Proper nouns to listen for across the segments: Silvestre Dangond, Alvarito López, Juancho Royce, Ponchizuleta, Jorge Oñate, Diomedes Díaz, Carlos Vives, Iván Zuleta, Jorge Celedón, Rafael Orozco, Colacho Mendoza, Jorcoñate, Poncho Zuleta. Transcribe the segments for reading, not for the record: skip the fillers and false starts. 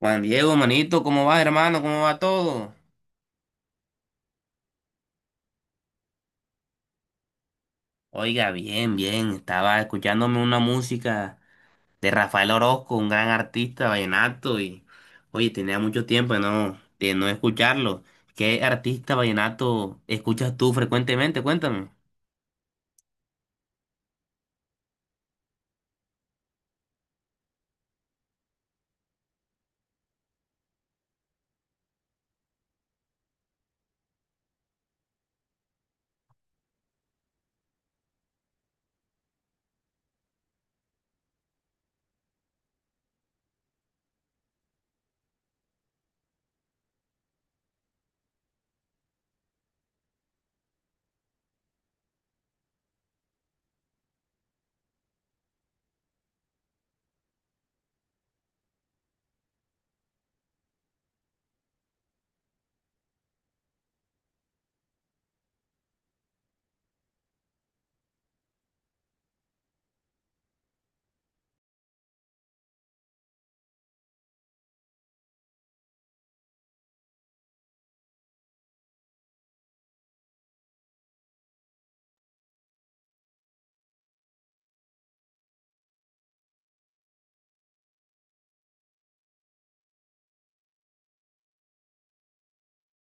Juan Diego, manito, ¿cómo vas, hermano? ¿Cómo va todo? Oiga, bien, bien. Estaba escuchándome una música de Rafael Orozco, un gran artista vallenato, y oye, tenía mucho tiempo de no escucharlo. ¿Qué artista vallenato escuchas tú frecuentemente? Cuéntame.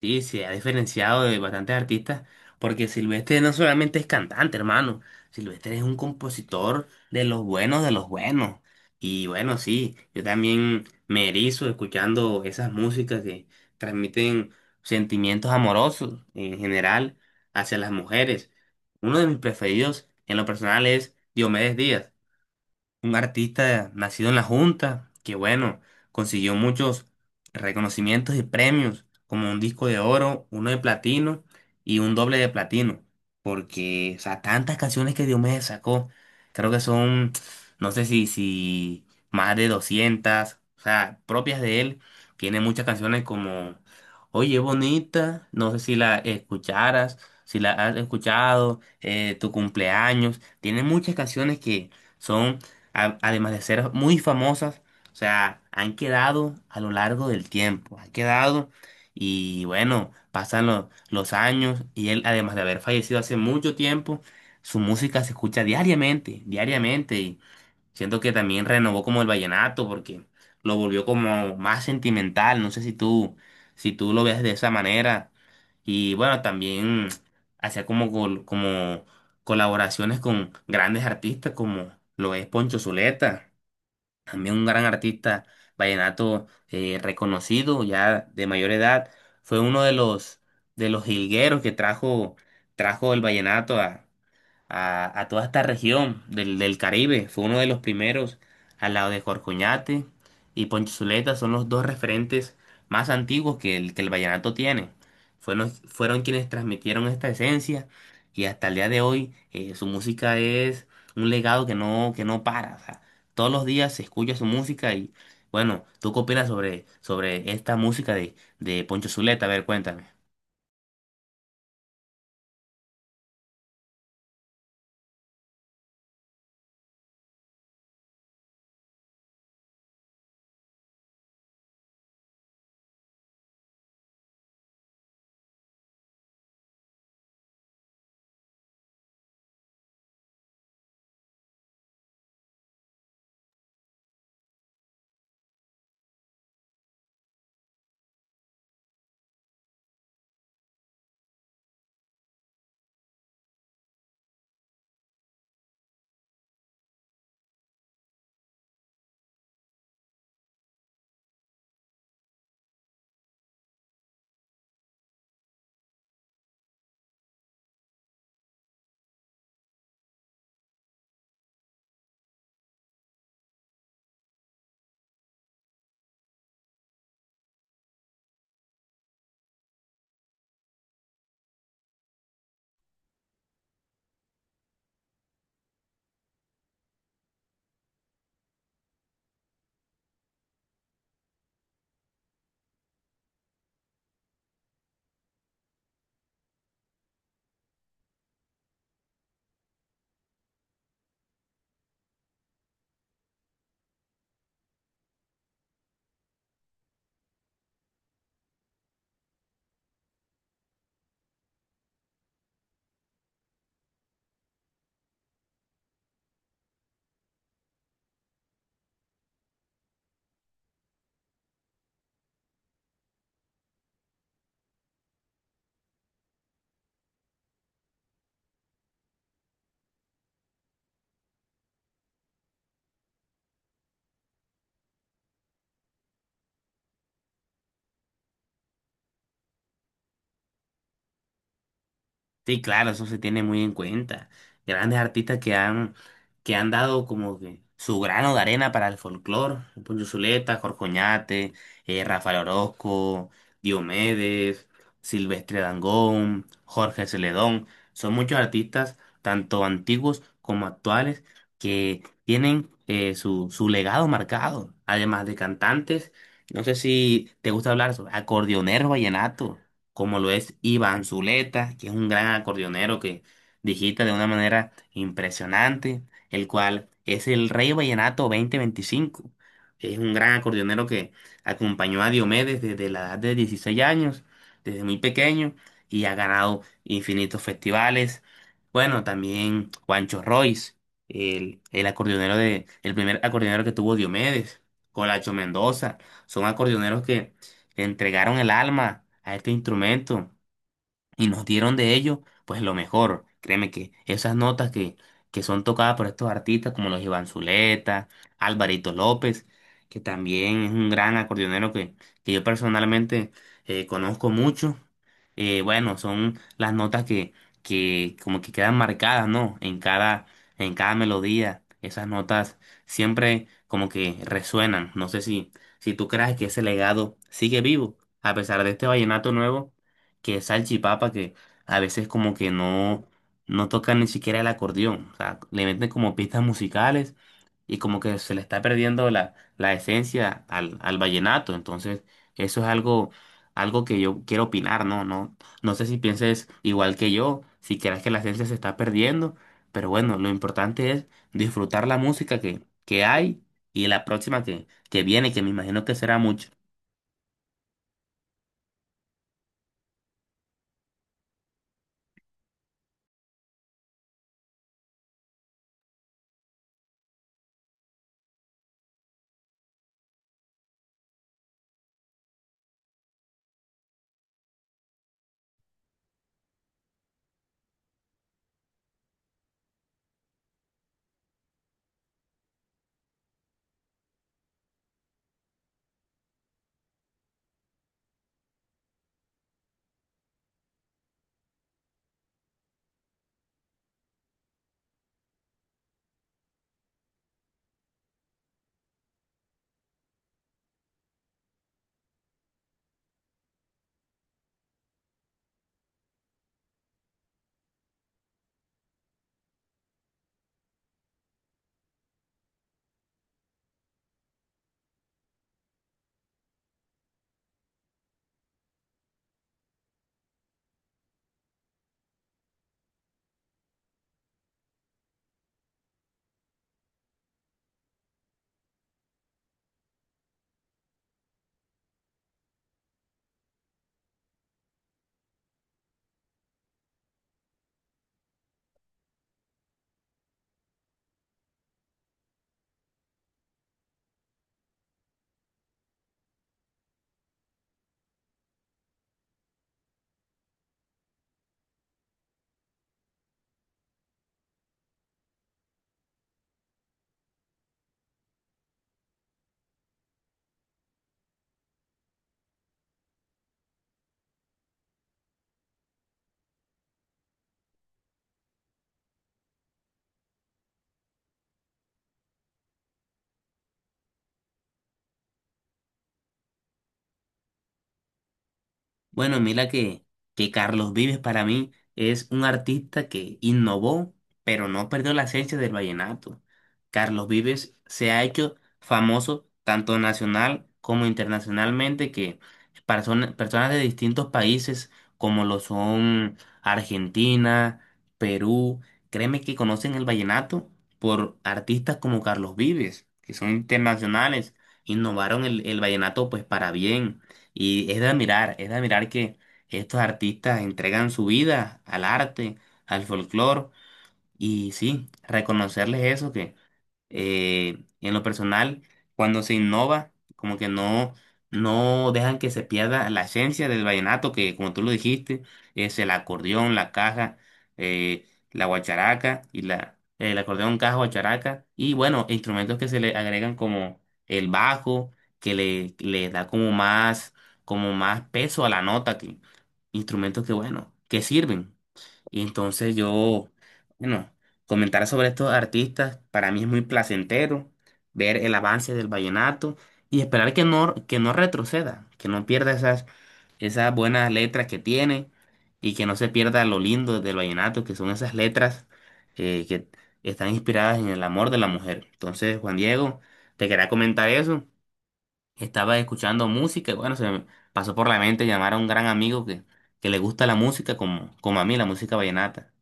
Sí, se ha diferenciado de bastantes artistas, porque Silvestre no solamente es cantante, hermano, Silvestre es un compositor de los buenos de los buenos. Y bueno, sí, yo también me erizo escuchando esas músicas que transmiten sentimientos amorosos en general hacia las mujeres. Uno de mis preferidos en lo personal es Diomedes Díaz, un artista nacido en la Junta, que bueno, consiguió muchos reconocimientos y premios, como un disco de oro, uno de platino y un doble de platino, porque, o sea, tantas canciones que Diomedes sacó, creo que son, no sé si más de 200, o sea, propias de él, tiene muchas canciones como Oye Bonita, no sé si la escucharas, si la has escuchado, Tu cumpleaños, tiene muchas canciones que... Son además de ser muy famosas, o sea, han quedado a lo largo del tiempo, han quedado. Y bueno, pasan los años y él, además de haber fallecido hace mucho tiempo, su música se escucha diariamente, diariamente. Siento que también renovó como el vallenato porque lo volvió como más sentimental. No sé si tú lo ves de esa manera. Y bueno, también hacía como, como colaboraciones con grandes artistas como lo es Poncho Zuleta, también un gran artista vallenato, reconocido ya de mayor edad. Fue uno de los jilgueros que trajo el vallenato a toda esta región del Caribe. Fue uno de los primeros al lado de Jorcoñate y Ponchizuleta. Son los dos referentes más antiguos que el vallenato tiene. Fueron quienes transmitieron esta esencia y hasta el día de hoy, su música es un legado que no para. O sea, todos los días se escucha su música y bueno, ¿tú qué opinas sobre esta música de Poncho Zuleta? A ver, cuéntame. Sí, claro, eso se tiene muy en cuenta. Grandes artistas que han dado como que su grano de arena para el folclore. Poncho Zuleta, Jorge Oñate, Rafael Orozco, Diomedes, Silvestre Dangond, Jorge Celedón. Son muchos artistas, tanto antiguos como actuales, que tienen su legado marcado. Además de cantantes, no sé si te gusta hablar sobre acordeoneros vallenatos como lo es Iván Zuleta, que es un gran acordeonero que digita de una manera impresionante, el cual es el Rey Vallenato 2025. Es un gran acordeonero que acompañó a Diomedes desde la edad de 16 años, desde muy pequeño, y ha ganado infinitos festivales. Bueno, también Juancho Royce, el acordeonero de, el primer acordeonero que tuvo Diomedes, Colacho Mendoza, son acordeoneros que le entregaron el alma a este instrumento y nos dieron de ello, pues lo mejor. Créeme que esas que son tocadas por estos artistas como los Iván Zuleta, Alvarito López, que también es un gran acordeonero que yo personalmente, conozco mucho. Eh, bueno, son las que como que quedan marcadas, ¿no? En cada melodía. Esas notas siempre como que resuenan. No sé si tú crees que ese legado sigue vivo, a pesar de este vallenato nuevo que salchipapa que a veces como que no tocan ni siquiera el acordeón. O sea, le meten como pistas musicales y como que se le está perdiendo la esencia al vallenato. Entonces, eso es algo que yo quiero opinar, ¿no? No sé si pienses igual que yo, si crees que la esencia se está perdiendo, pero bueno, lo importante es disfrutar la música que hay y la próxima que viene, que me imagino que será mucho. Bueno, mira que Carlos Vives para mí es un artista que innovó, pero no perdió la esencia del vallenato. Carlos Vives se ha hecho famoso tanto nacional como internacionalmente, que personas de distintos países como lo son Argentina, Perú, créeme que conocen el vallenato por artistas como Carlos Vives, que son internacionales, innovaron el vallenato pues para bien. Y es de admirar que estos artistas entregan su vida al arte, al folclore, y sí, reconocerles eso, que en lo personal, cuando se innova, como que no dejan que se pierda la esencia del vallenato, que como tú lo dijiste, es el acordeón, la caja, la guacharaca y la, el acordeón, caja, guacharaca, y bueno, instrumentos que se le agregan como el bajo, que le da como más peso a la nota, que, instrumentos que bueno, que sirven. Y entonces yo, bueno, comentar sobre estos artistas para mí es muy placentero ver el avance del vallenato y esperar que no retroceda, que no pierda esas buenas letras que tiene y que no se pierda lo lindo del vallenato, que son esas letras que están inspiradas en el amor de la mujer. Entonces, Juan Diego, te quería comentar eso. Estaba escuchando música y bueno, se me pasó por la mente llamar a un gran amigo que le gusta la música como, como a mí, la música vallenata.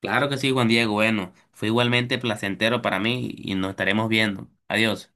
Claro que sí, Juan Diego. Bueno, fue igualmente placentero para mí y nos estaremos viendo. Adiós.